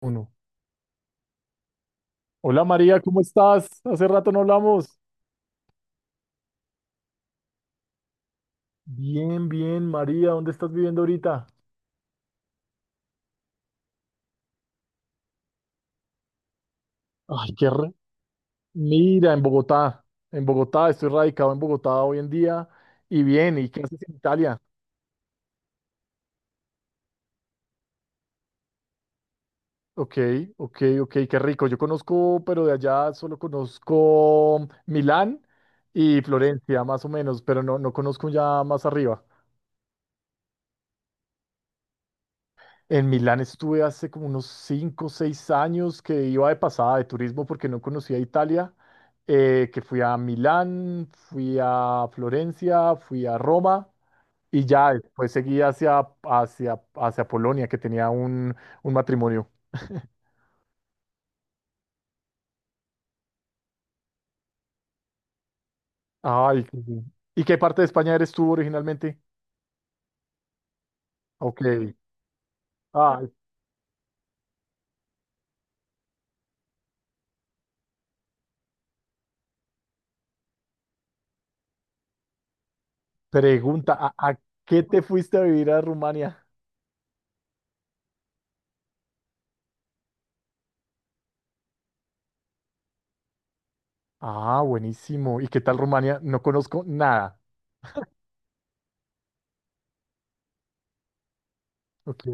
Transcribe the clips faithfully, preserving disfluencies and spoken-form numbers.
Uno. Hola María, ¿cómo estás? Hace rato no hablamos. Bien, bien, María, ¿dónde estás viviendo ahorita? Ay, qué re- mira, en Bogotá. En Bogotá, estoy radicado en Bogotá hoy en día. Y bien, ¿y qué haces en Italia? Ok, ok, ok, qué rico. Yo conozco, pero de allá solo conozco Milán y Florencia, más o menos, pero no, no conozco ya más arriba. En Milán estuve hace como unos cinco, o seis años que iba de pasada de turismo porque no conocía Italia, eh, que fui a Milán, fui a Florencia, fui a Roma y ya después seguí hacia, hacia, hacia Polonia que tenía un, un matrimonio. Ay, qué bien. ¿Y qué parte de España eres tú originalmente? Ok. Ay, pregunta, ¿a, a qué te fuiste a vivir a Rumania? Ah, buenísimo. ¿Y qué tal Rumania? No conozco nada. Ok.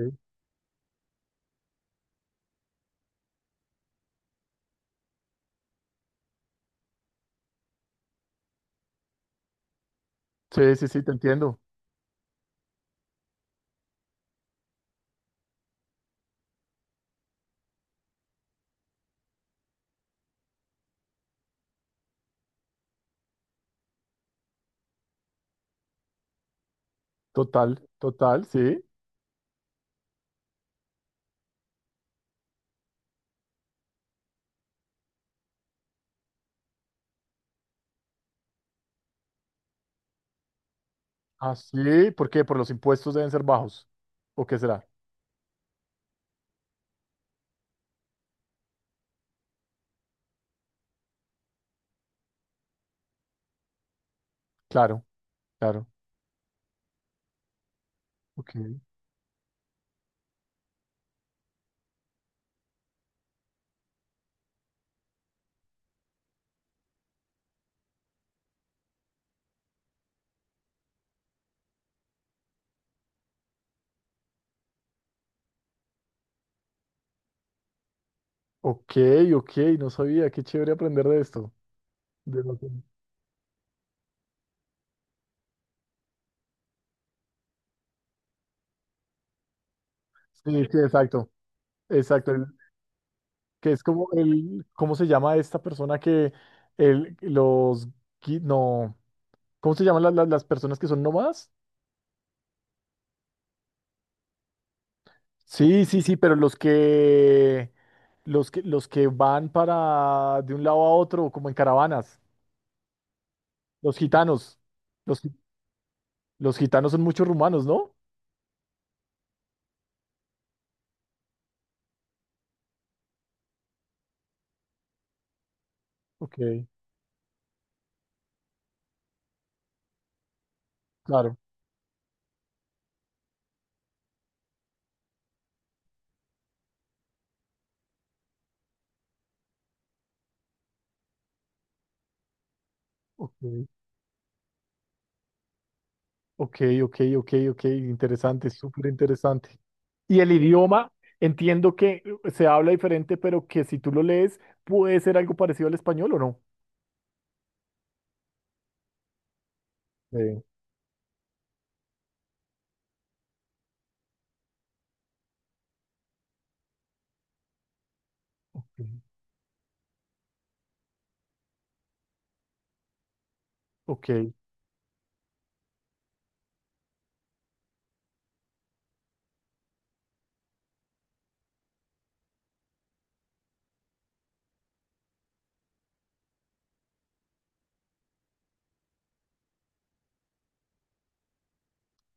Sí, sí, sí, te entiendo. Total, total, sí. Así, ¿por qué? Por los impuestos deben ser bajos. ¿O qué será? Claro, claro. Ok. Ok, ok, no sabía. Qué chévere aprender de esto. De lo que- sí, sí, exacto. Exacto. El- que es como el, ¿cómo se llama esta persona que el, los, gui- no, ¿cómo se llaman las, las, las personas que son nómadas? Sí, sí, sí, pero los que, los que, los que van para de un lado a otro, como en caravanas. Los gitanos. Los, gi- los gitanos son muchos rumanos, ¿no? Ok, claro. Ok, ok, ok, ok, ok. Interesante, súper interesante. Y el idioma, entiendo que eh, se habla diferente, pero que si tú lo lees, puede ser algo parecido al español o no. Sí. Ok.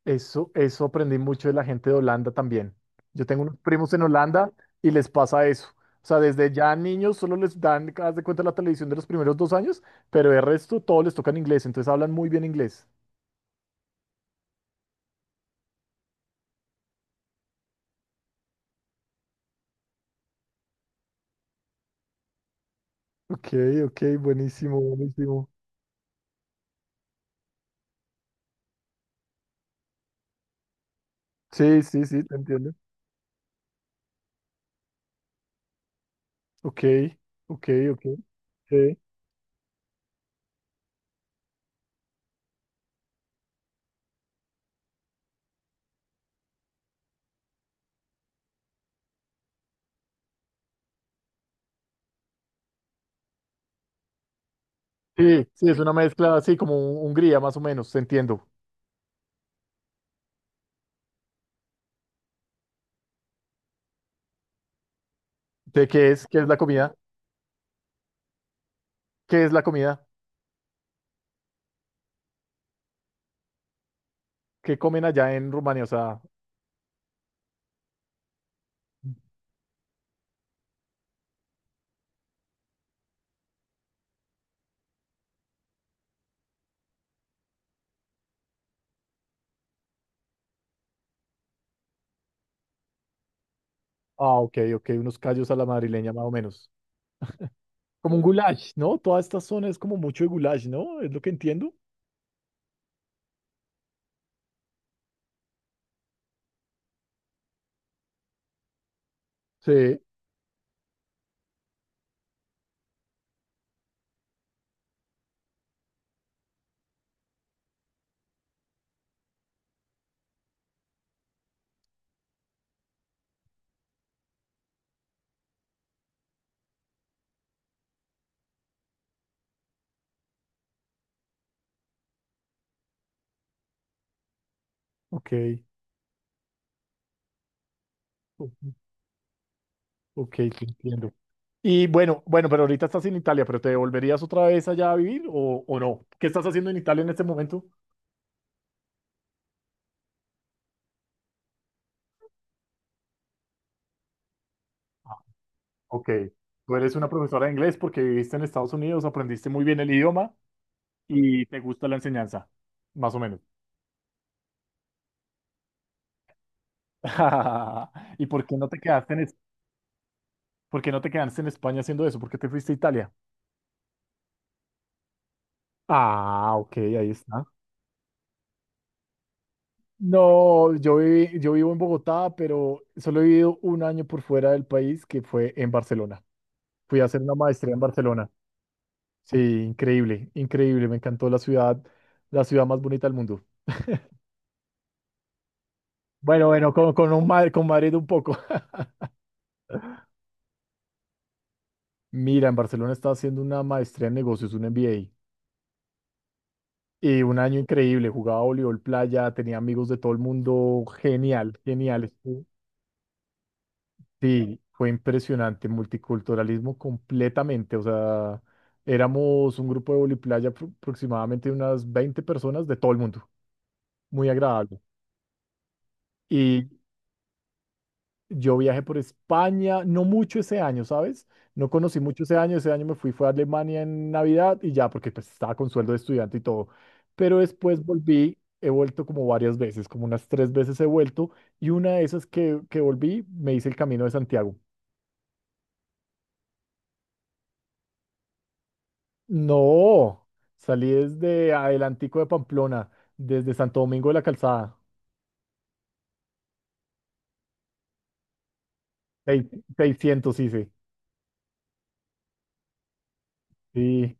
Eso, eso aprendí mucho de la gente de Holanda también. Yo tengo unos primos en Holanda y les pasa eso. O sea, desde ya niños solo les dan, haz de cuenta, la televisión de los primeros dos años, pero de resto todo les toca en inglés, entonces hablan muy bien inglés. Ok, ok, buenísimo, buenísimo. Sí, sí, sí, te entiendo. Ok, ok, ok. Sí, sí, sí, es una mezcla así como un- Hungría, más o menos, te entiendo. ¿De qué es, qué es la comida? ¿Qué es la comida? ¿Qué comen allá en Rumania? O sea, ah, ok, ok, unos callos a la madrileña más o menos. Como un goulash, ¿no? Toda esta zona es como mucho de goulash, ¿no? Es lo que entiendo. Sí, ok, o- ok, te entiendo. Y bueno, bueno, pero ahorita estás en Italia, pero ¿te devolverías otra vez allá a vivir o, o no? ¿Qué estás haciendo en Italia en este momento? Ah, ok, tú eres una profesora de inglés porque viviste en Estados Unidos, aprendiste muy bien el idioma y te gusta la enseñanza, más o menos. ¿Y por qué no te quedaste en, Es- por qué no te quedaste en España haciendo eso? ¿Por qué te fuiste a Italia? Ah, ok, ahí está. No, yo viví- yo vivo en Bogotá, pero solo he vivido un año por fuera del país, que fue en Barcelona. Fui a hacer una maestría en Barcelona. Sí, increíble, increíble. Me encantó la ciudad, la ciudad más bonita del mundo. Bueno, bueno, con, con, un Madrid, con Madrid un poco. Mira, en Barcelona estaba haciendo una maestría en negocios, un M B A. Y un año increíble. Jugaba voleibol playa, tenía amigos de todo el mundo. Genial, genial. Sí, fue impresionante, multiculturalismo completamente, o sea, éramos un grupo de voliplaya apro- aproximadamente unas veinte personas de todo el mundo, muy agradable. Y yo viajé por España, no mucho ese año, ¿sabes? No conocí mucho ese año, ese año me fui, fue a Alemania en Navidad y ya, porque pues estaba con sueldo de estudiante y todo. Pero después volví, he vuelto como varias veces, como unas tres veces he vuelto, y una de esas que, que volví, me hice el camino de Santiago. No, salí desde Adelantico de Pamplona, desde Santo Domingo de la Calzada. Sei- seiscientos hice. Sí,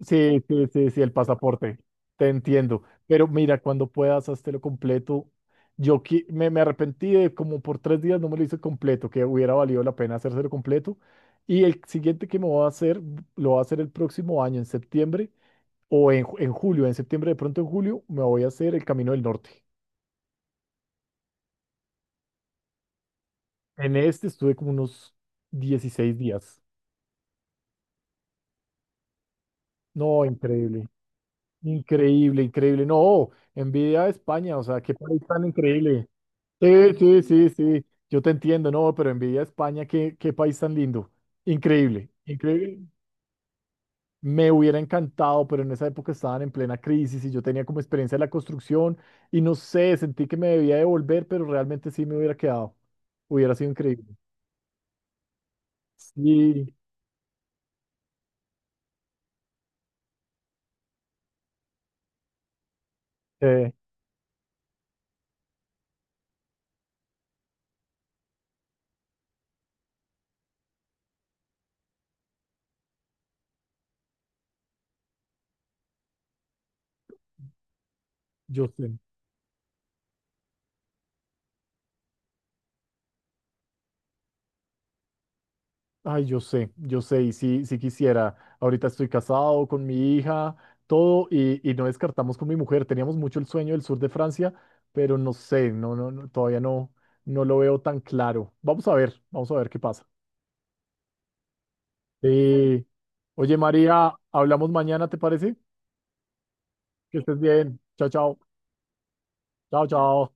sí, sí, sí, sí, sí, el pasaporte. Te entiendo. Pero mira, cuando puedas, hazte lo completo. Yo qui- me, me arrepentí de como por tres días no me lo hice completo, que hubiera valido la pena hacérselo completo. Y el siguiente que me voy a hacer, lo voy a hacer el próximo año, en septiembre o en, ju- en julio. En septiembre, de pronto en julio, me voy a hacer el Camino del Norte. En este estuve como unos dieciséis días. No, increíble. Increíble, increíble. No, envidia a España, o sea, qué país tan increíble. Sí, sí, sí, sí. Yo te entiendo, no, pero envidia a España, qué, qué país tan lindo. Increíble, increíble. Me hubiera encantado, pero en esa época estaban en plena crisis y yo tenía como experiencia de la construcción y no sé, sentí que me debía devolver, pero realmente sí me hubiera quedado. Hubiera sido increíble. Sí, eh, yo sé. Ay, yo sé, yo sé, y sí, sí quisiera. Ahorita estoy casado con mi hija, todo, y, y no descartamos con mi mujer. Teníamos mucho el sueño del sur de Francia, pero no sé, no, no, no, todavía no, no lo veo tan claro. Vamos a ver, vamos a ver qué pasa. Sí. Oye, María, hablamos mañana, ¿te parece? Que estés bien. Chao, chao. Chao, chao.